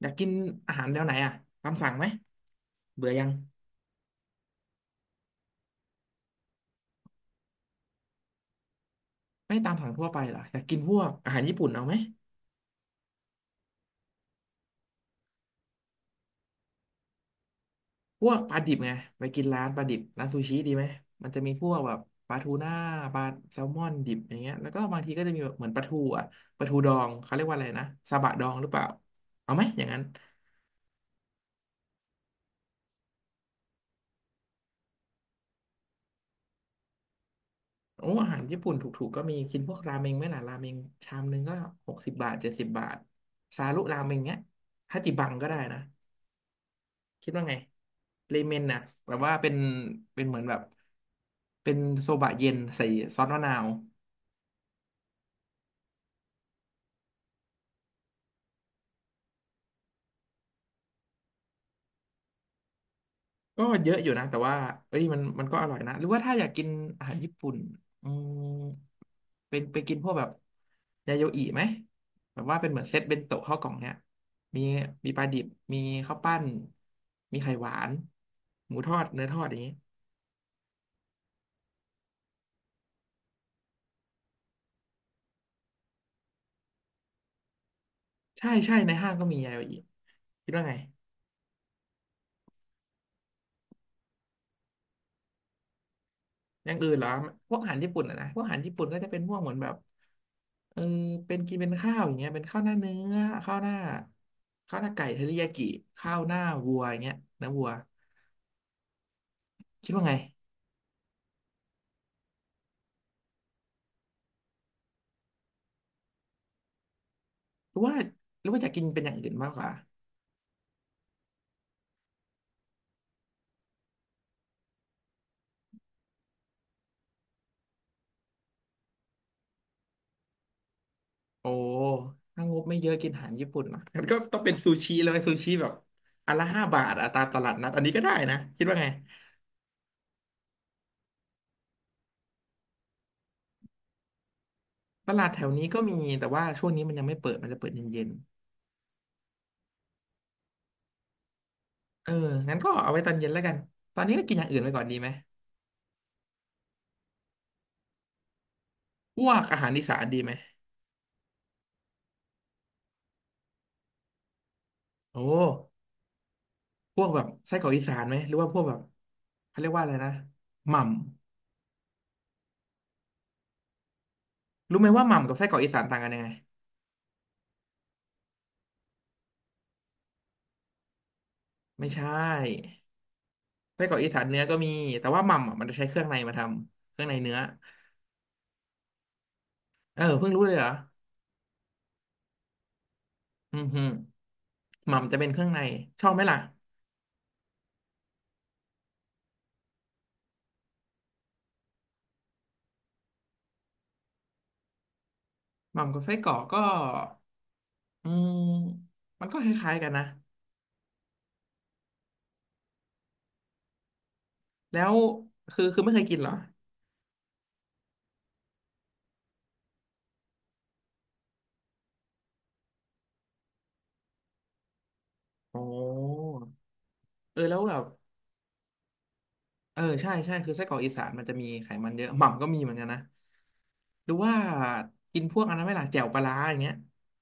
อยากกินอาหารแนวไหนอ่ะตามสั่งไหม เบื่อยัง ไม่ตามสั่งทั่วไปเหรออยากกินพวกอาหารญี่ปุ่นเอาไหม พวกปลาดิบไง ไปกินร้านปลาดิบร้านซูชิดีไหม มันจะมีพวกแบบปลาทูน่าปลาแซลมอนดิบอย่างเงี้ยแล้วก็บางทีก็จะมีแบบเหมือนปลาทูอ่ะปลาทูดองเขาเรียกว่าอะไรนะ ซาบะดองหรือเปล่าเอาไหมอย่างนั้นโอ้อาหารญี่ปุ่นถูกๆก็มีกินพวกราเมงไหมล่ะราเมงชามนึงก็60 บาท70 บาทซารุราเมงเงี้ยฮาจิบังก็ได้นะ คิดว่าไงเลเมนน่ะแบบว่าเป็น เป็นเหมือนแบบ เป็นโซบะเย็นใส่ซอสมะนาว ก็เยอะอยู่นะ แต่ว่าเอ้ยมันก็อร่อยนะ หรือว่าถ้าอยากกินอาหารญี่ปุ่นอืมเป็นไปกินพวกแบบ ยาโยอิไหมแบบว่าเป็นเหมือนเซตเบนโตะข้าวกล่องเนี่ย มี มีปลาดิบ มีข้าวปั้นมีไข่หวาน หมูทอดเนื้อทอดอย่างนี้ใช่ใช่ในห้างก็มียาโยอิคิดว่าไง อย่างอื่นเหรอพวกอาหารญี่ปุ่นอะนะพวกอาหารญี่ปุ่นก็จะเป็นพวกเหมือนแบบเออเป็นกินเป็นข้าวอย่างเงี้ยเป็นข้าวหน้าเนื้อข้าวหน้าข้าวหน้าไก่เทริยากิข้าวหน้าวัวอย่างเงี้ยเนื้อวัวคิดว่าไงหรือว่าหรือว่าจะกินเป็นอย่างอื่นมากกว่าโอ้ถ้างบไม่เยอะกินอาหารญี่ปุ่นเหรองั้นก็ต้องเป็นซูชิเลยซูชิแบบอันละ5 บาทอะตามตลาดนัดอันนี้ก็ได้นะคิดว่าไงตลาดแถวนี้ก็มีแต่ว่าช่วงนี้มันยังไม่เปิดมันจะเปิดเย็นๆเอองั้นก็เอาไว้ตอนเย็นแล้วกันตอนนี้ก็กินอย่างอื่นไปก่อนดีไหม พวกอาหารอีสานดีไหมโอ้พวกแบบไส้กรอกอีสานไหมหรือว่าพวกแบบเขาเรียกว่าอะไรนะหม่ำรู้ไหมว่าหม่ำกับไส้กรอกอีสานต่างกันยังไงไม่ใช่ไส้กรอกอีสานเนื้อก็มีแต่ว่าหม่ำอะมันจะใช้เครื่องในมาทำเครื่องในเนื้อเออเพิ่งรู้เลยเหรออือหอหม่ำจะเป็นเครื่องในชอบไหมล่ะหม่ำกับไส้กรอกก็อืมมันก็คล้ายๆกันนะแล้วคือไม่เคยกินเหรอโอ้เออแล้วแบบ เออใช่ใช่คือไส้กรอกอีสานมันจะมีไขมันเยอะหม่ำก็มีเหมือนกันนะหรือว่ากินพวกอันนั้นไหมล่ะแจ่วปลาร้าอย่างเงี้ย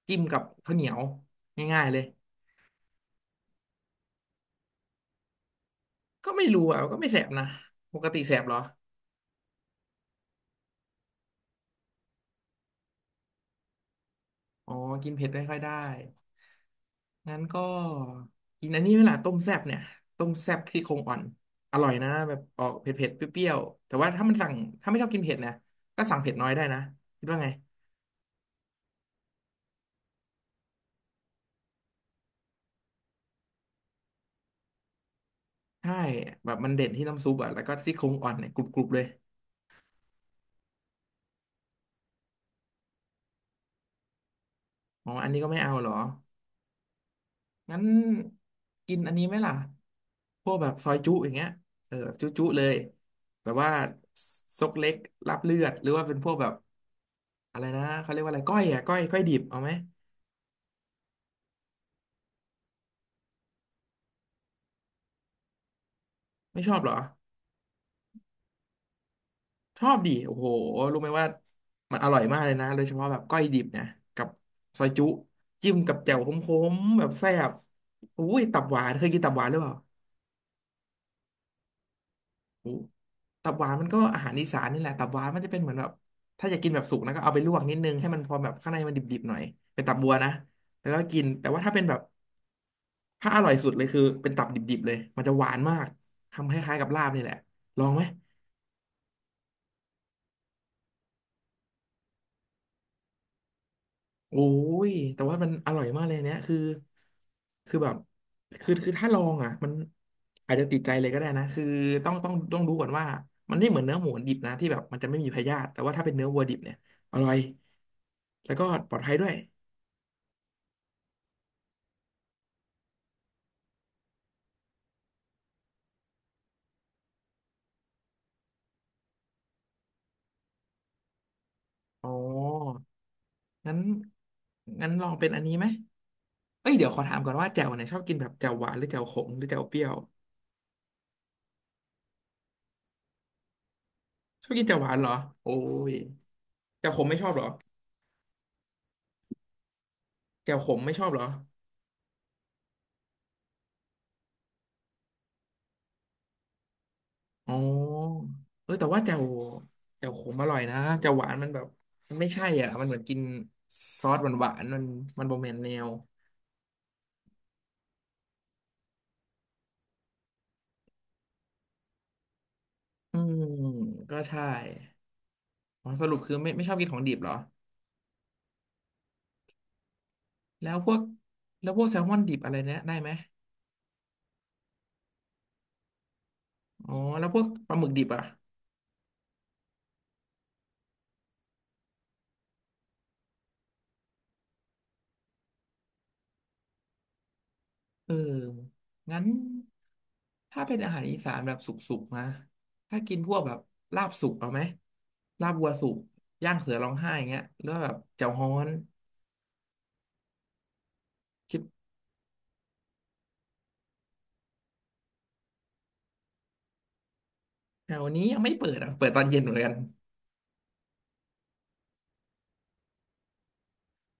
จิ้มกับข้าวเหนียวง่ายๆเลยก็ไม่รู้อ่ะก็ไม่แสบนะปกติแสบเหรออ๋อกินเผ็ดไม่ค่อยได้งั้นก็กินอันนี้ไหมล่ะต้มแซ่บเนี่ยต้มแซ่บซี่โครงอ่อนอร่อยนะแบบออกเผ็ดๆเปรี้ยวๆแต่ว่าถ้ามันสั่งถ้าไม่ชอบกินเผ็ดนะก็สั่งเผ็ดน้อยได้นะคิดว่าไงใช่แบบมันเด่นที่น้ำซุปอ่ะแล้วก็ซี่โครงอ่อนเนี่ยกรุบๆเลย อ๋ออันนี้ก็ไม่เอาเหรองั้นกินอันนี้ไหมล่ะพวกแบบซอยจุอย่างเงี้ยเออแบบจุจุเลยแบบว่าซกเล็กลาบเลือดหรือว่าเป็นพวกแบบอะไรนะ เขาเรียกว่าอะไรก้อยอ่ะก้อยก้อยดิบเอาไหมไม่ชอบเหรอ ชอบดิโอ้โหรู้ไหมว่ามันอร่อยมากเลยนะโดยเฉพาะแบบก้อยดิบเนี่ยกับซอยจุจิ้มกับแจ่วขมๆแบบแซ่บอุ้ยตับหวานเคยกินตับหวานหรือเปล่า โอ้ตับหวานมันก็อาหารอีสานนี่แหละตับหวานมันจะเป็นเหมือนแบบถ้าอยากกินแบบสุกนะก็เอาไปลวกนิดนึงให้มันพอแบบข้างในมันดิบๆหน่อยเป็นตับบัวนะแล้วก็กินแต่ว่าถ้าเป็นแบบถ้าอร่อยสุดเลยคือเป็นตับดิบๆเลยมันจะหวานมากทำคล้ายๆกับลาบนี่แหละลองไหม โอ้ยแต่ว่ามันอร่อยมากเลยเนี่ยคือคือแบบคือถ้าลองอ่ะมันอาจจะติดใจเลยก็ได้นะ คือต้องรู้ก่อนว่ามันไม่เหมือนเนื้อหมูดิบนะที่แบบมันจะไม่มีพยาธิแต่ว่าถ้าเป็นเนื้อวัวดิบเนี่ยอร่อยแล้วก็ปลอดภัยด้วยอ๋องั้นงั้นลองเป็นอันนี้ไหมเอ้ยเดี๋ยวขอถามก่อนว่าแจ่วเนี่ยชอบกินแบบแจ่วหวานหรือแจ่วขมหรือแจ่วเปรี้ยวชอบกินแจ่วหวานเหรอโอ้ยแจ่วขมไม่ชอบเหรอแจ่วขมไม่ชอบเหรอ อ๋อเออแต่ว่าแจ่วแจ่วขมอร่อยนะแจ่วหวานมันแบบมันไม่ใช่อ่ะมันเหมือนกินซอสหวานหวานมันมันโบแมนแนวอืมก็ใช่อ๋อสรุปคือไม่ชอบกินของดิบเหรอแล้วพวกแล้วพวกแซลมอนดิบอะไรเนี้ยได้ไหมอ๋อแล้วพวกปลาหมึกดิบอ่ะเอองั้นถ้าเป็นอาหารอีสานแบบสุกๆนะถ้ากินพวกแบบลาบสุกเอาไหมลาบวัวสุกย่างเสือร้องไห้อย่างเงี้ยหรือว่าแบบแจ่วฮ้อนคิด แถวนี้ยังไม่เปิดอ่ะเปิดตอนเย็นเหมือนกัน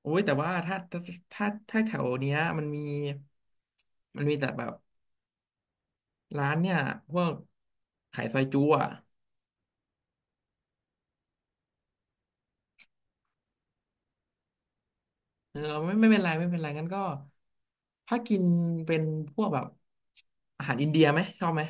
โอ้ยแต่ว่าถ้าแถวเนี้ยมันมีมันมีแต่แบบร้านเนี่ยพวกขายซอยจุ๊อ่ะเออไม่เป็นไรไม่เป็นไรงั้นก็ถ้ากินเป็นพวกแบบอาหารอินเดียไหมชอบไหม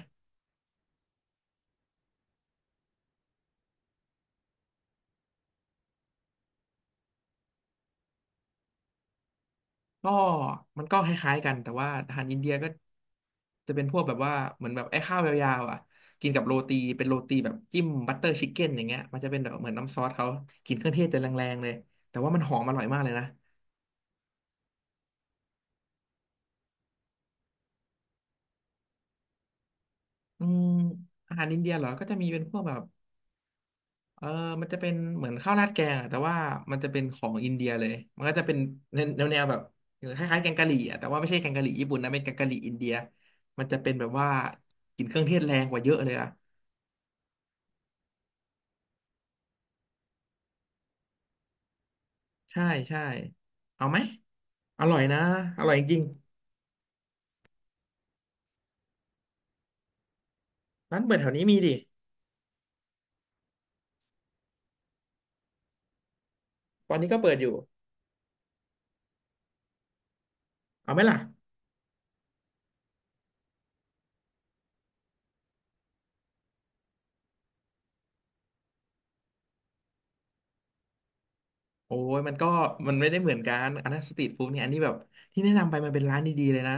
ก็มันก็คล้ายๆกันแต่ว่าอาหารอินเดียก็จะเป็นพวกแบบว่าเหมือนแบบไอ้ข้าวยาวๆอ่ะกินกับโรตีเป็นโรตีแบบจิ้มบัตเตอร์ชิคเก้นอย่างเงี้ยมันจะเป็นแบบเหมือนน้ำซอสเขากินเครื่องเทศแต่แรงๆเลยแต่ว่ามันหอมอร่อยมากเลยนะอืมอาหารอินเดียเหรอก็จะมีเป็นพวกแบบเออมันจะเป็นเหมือนข้าวราดแกงอะแต่ว่ามันจะเป็นของอินเดียเลยมันก็จะเป็นแนแนวแบบคล้ายๆแกงกะหรี่อะแต่ว่าไม่ใช่แกงกะหรี่ญี่ปุ่นนะเป็นแกงกะหรี่อินเดียมันจะเป็นแบบว่ากินเครื่องเทศแรงกว่าเยอะเลยอะ ใช่ใช่เอาไหมอร่อยนะอร่อยจริงร้านเปิดแถวนี้มีดิตอนนี้ก็เปิดอยู่เอาไหมล่ะโอ้ยมันก็มันไม่ได้เหมือนกันอันนั้นสตรีทฟู้ดเนี่ยอันนี้แบบที่แนะนำไปมันเป็นร้านดีๆเลยนะ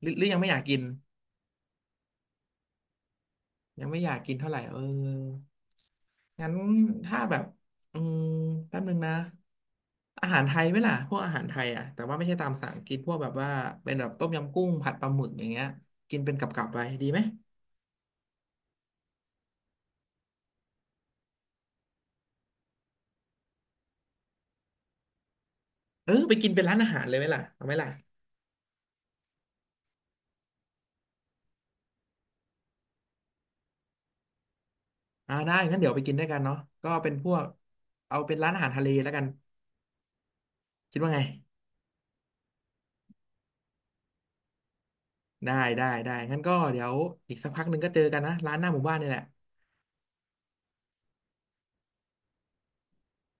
หรือหรือยังไม่อยากกินยังไม่อยากกินเท่าไหร่เอองั้นถ้าแบบอืมแป๊บนึงนะอาหารไทยไหมล่ะพวกอาหารไทยอ่ะแต่ว่าไม่ใช่ตามสั่งกินพวกแบบว่าเป็นแบบต้มยำกุ้งผัดปลาหมึกอย่างเงี้ยกินเป็นกับๆไปดีไหมเออไปกินเป็นร้านอาหารเลยไหมล่ะเอาไหมล่ะ อ่าได้งั้นเดี๋ยวไปกินด้วยกันเนาะก็เป็นพวกเอาเป็นร้านอาหารทะเลแล้วกันคิดว่าไงได้ได้ได้งั้นก็เดี๋ยวอีกสักพักหนึ่งก็เจอกันนะร้านหน้าหมู่บ้านนี่แหละ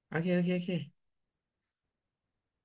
โอเคโอเคโอเค